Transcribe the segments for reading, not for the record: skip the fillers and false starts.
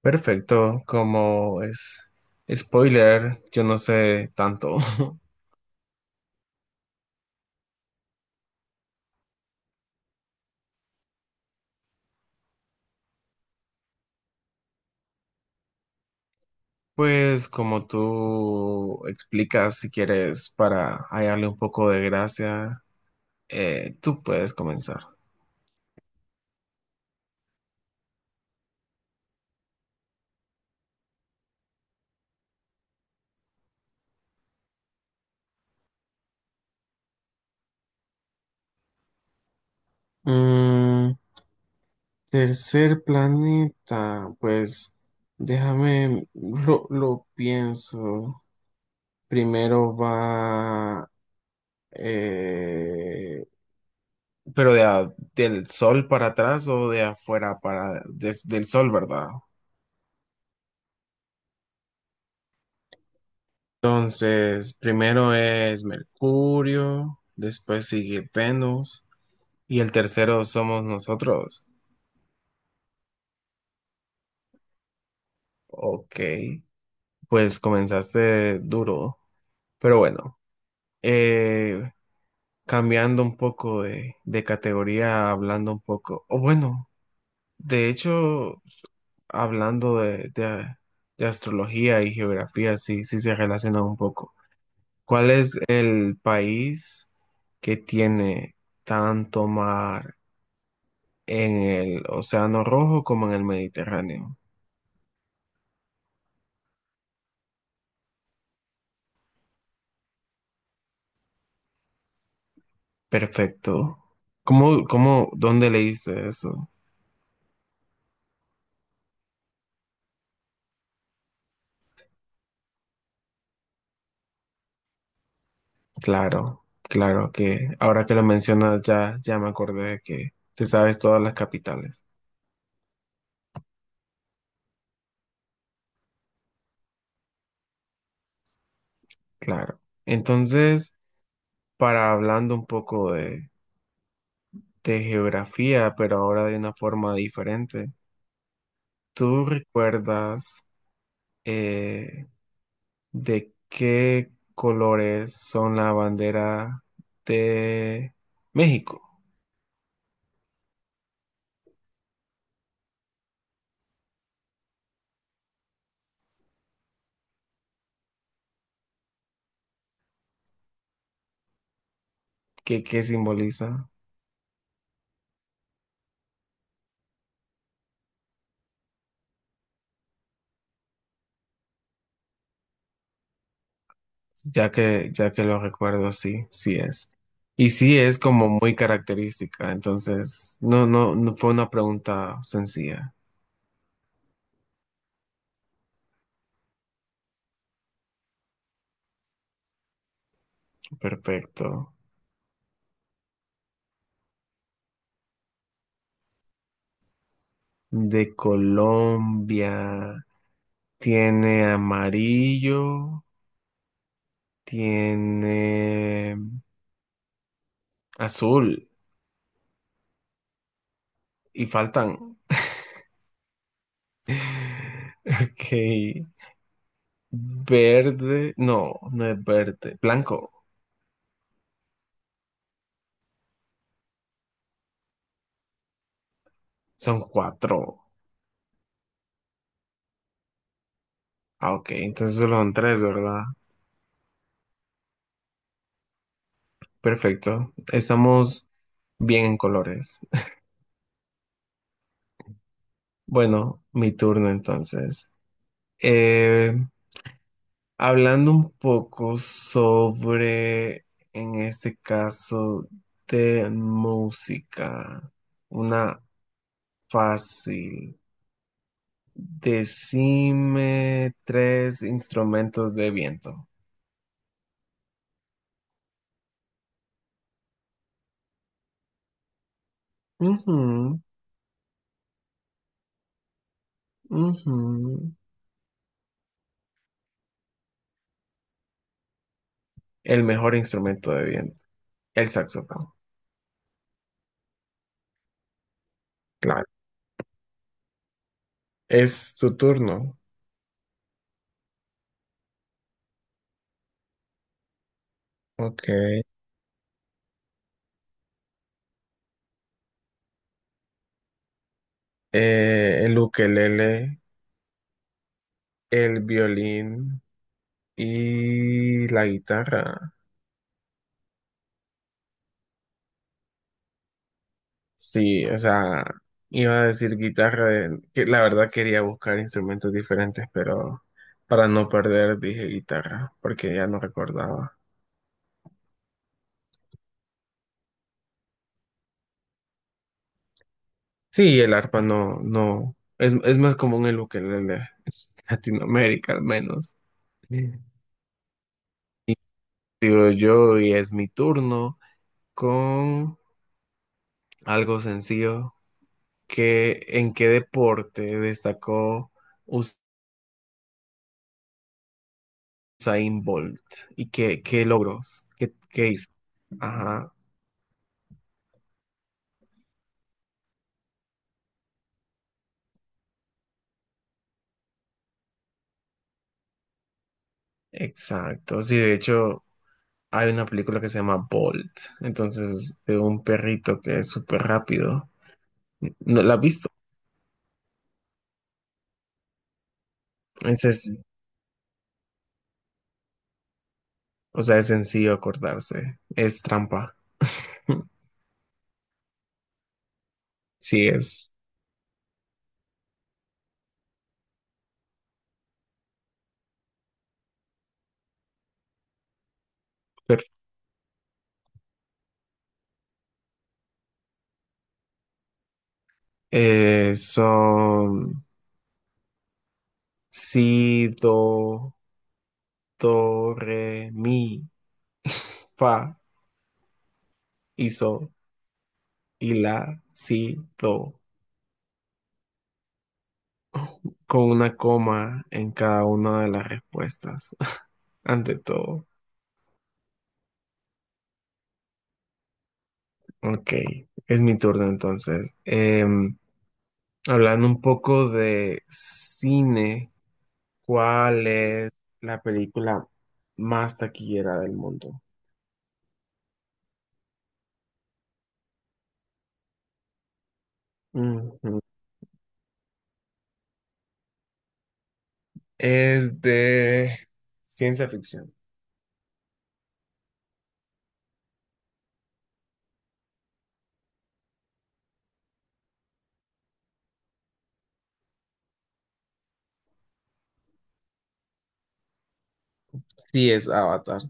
Perfecto, como es spoiler, yo no sé tanto. Pues como tú explicas, si quieres, para hallarle un poco de gracia, tú puedes comenzar. Mm, Tercer planeta, pues déjame, lo pienso. Primero va. Pero del sol para atrás o de afuera para del sol, ¿verdad? Entonces, primero es Mercurio, después sigue Venus y el tercero somos nosotros. Ok, pues comenzaste duro, pero bueno, eh, cambiando un poco de, categoría, hablando un poco, o bueno, de hecho, hablando de astrología y geografía, sí, sí se relacionan un poco. ¿Cuál es el país que tiene tanto mar en el Océano Rojo como en el Mediterráneo? Perfecto. ¿ dónde leíste eso? Claro, claro que ahora que lo mencionas ya, ya me acordé de que te sabes todas las capitales. Claro. Entonces, para hablando un poco de geografía, pero ahora de una forma diferente, ¿tú recuerdas? eh, de qué colores son la bandera de México? ¿Qué simboliza? Ya que lo recuerdo, sí, sí es. Y sí es como muy característica, entonces no, no, no fue una pregunta sencilla. Perfecto. De Colombia tiene amarillo, tiene azul y faltan. Ok, verde, no, no es verde, blanco. Son cuatro. Ah, ok, entonces solo son tres, ¿verdad? Perfecto. Estamos bien en colores. Bueno, mi turno entonces. Eh, hablando un poco sobre, en este caso, de música, una fácil. Decime tres instrumentos de viento. Ujú. Ujú. El mejor instrumento de viento, el saxofón. Claro. Es tu turno. Ok. El ukelele, el violín y la guitarra. Sí, o sea, iba a decir guitarra, que la verdad quería buscar instrumentos diferentes, pero para no perder dije guitarra, porque ya no recordaba. Sí, el arpa no, no, es más común el ukelele, es Latinoamérica al menos. Digo yo, y es mi turno con algo sencillo. ¿En qué deporte destacó Usain Bolt? ¿Y qué logros? ¿Qué hizo? Ajá, exacto. Sí, de hecho, hay una película que se llama Bolt. Entonces, de un perrito que es súper rápido. ¿No la has visto? Es, es- o sea, es sencillo acordarse. Es trampa. Sí, es. Per- son Si, do, do, re, mi, fa y sol y la, si, do, con una coma en cada una de las respuestas, ante todo. Ok, es mi turno entonces. Hablando un poco de cine, ¿cuál es la película más taquillera del mundo? Ujú. Es de ciencia ficción. Sí, es Avatar.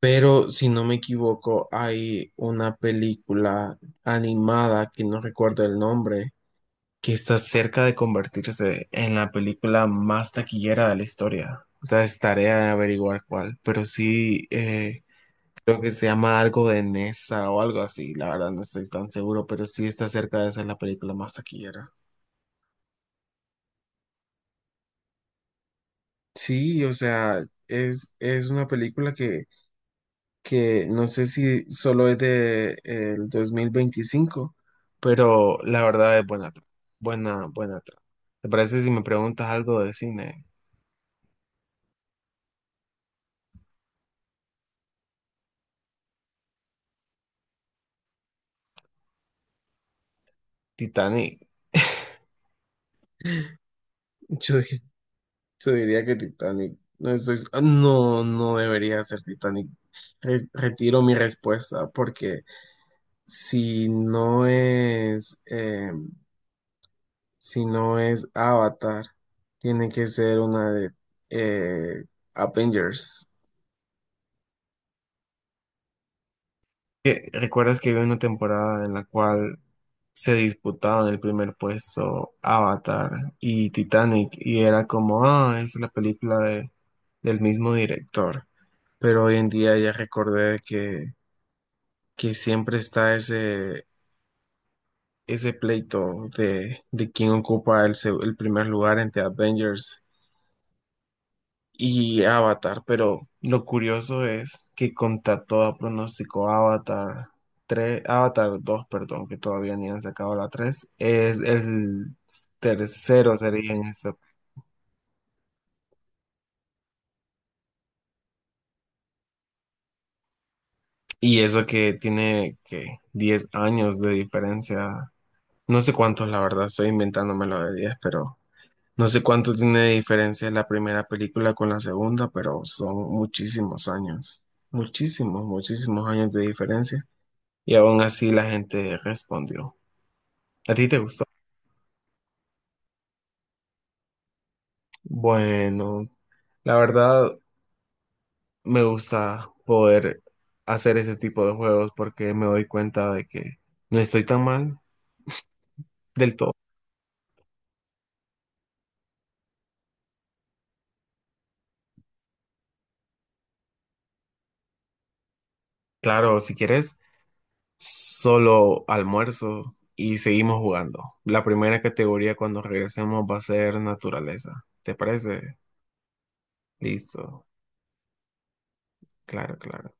Pero si no me equivoco, hay una película animada que no recuerdo el nombre, que está cerca de convertirse en la película más taquillera de la historia. O sea, es tarea de averiguar cuál, pero sí creo que se llama algo de Nessa o algo así. La verdad no estoy tan seguro, pero sí está cerca de ser la película más taquillera. Sí, o sea, es una película que no sé si solo es de el 2025, pero la verdad es buena, buena, buena trama. ¿Te parece si me preguntas algo de cine? Titanic. Yo, di- yo diría que Titanic. No estoy, no, no debería ser Titanic. Retiro mi respuesta porque si no es, si no es Avatar, tiene que ser una de eh, Avengers. ¿ ¿Recuerdas que había una temporada en la cual se disputaban el primer puesto Avatar y Titanic? Y era como, es la película del mismo director. Pero hoy en día ya recordé que, siempre está ese, pleito de quién ocupa el primer lugar entre Avengers y Avatar, pero lo curioso es que contra todo pronóstico Avatar tres, Avatar 2 perdón, que todavía ni han sacado la tres, es el tercero sería en eso. Y eso que tiene que 10 años de diferencia, no sé cuántos, la verdad, estoy inventándomelo de 10, pero no sé cuánto tiene de diferencia la primera película con la segunda, pero son muchísimos años, muchísimos, muchísimos años de diferencia. Y aún así la gente respondió. ¿A ti te gustó? Bueno, la verdad me gusta poder hacer ese tipo de juegos porque me doy cuenta de que no estoy tan mal del todo. Claro, si quieres, solo almuerzo y seguimos jugando. La primera categoría cuando regresemos va a ser naturaleza. ¿Te parece? Listo. Claro, claro.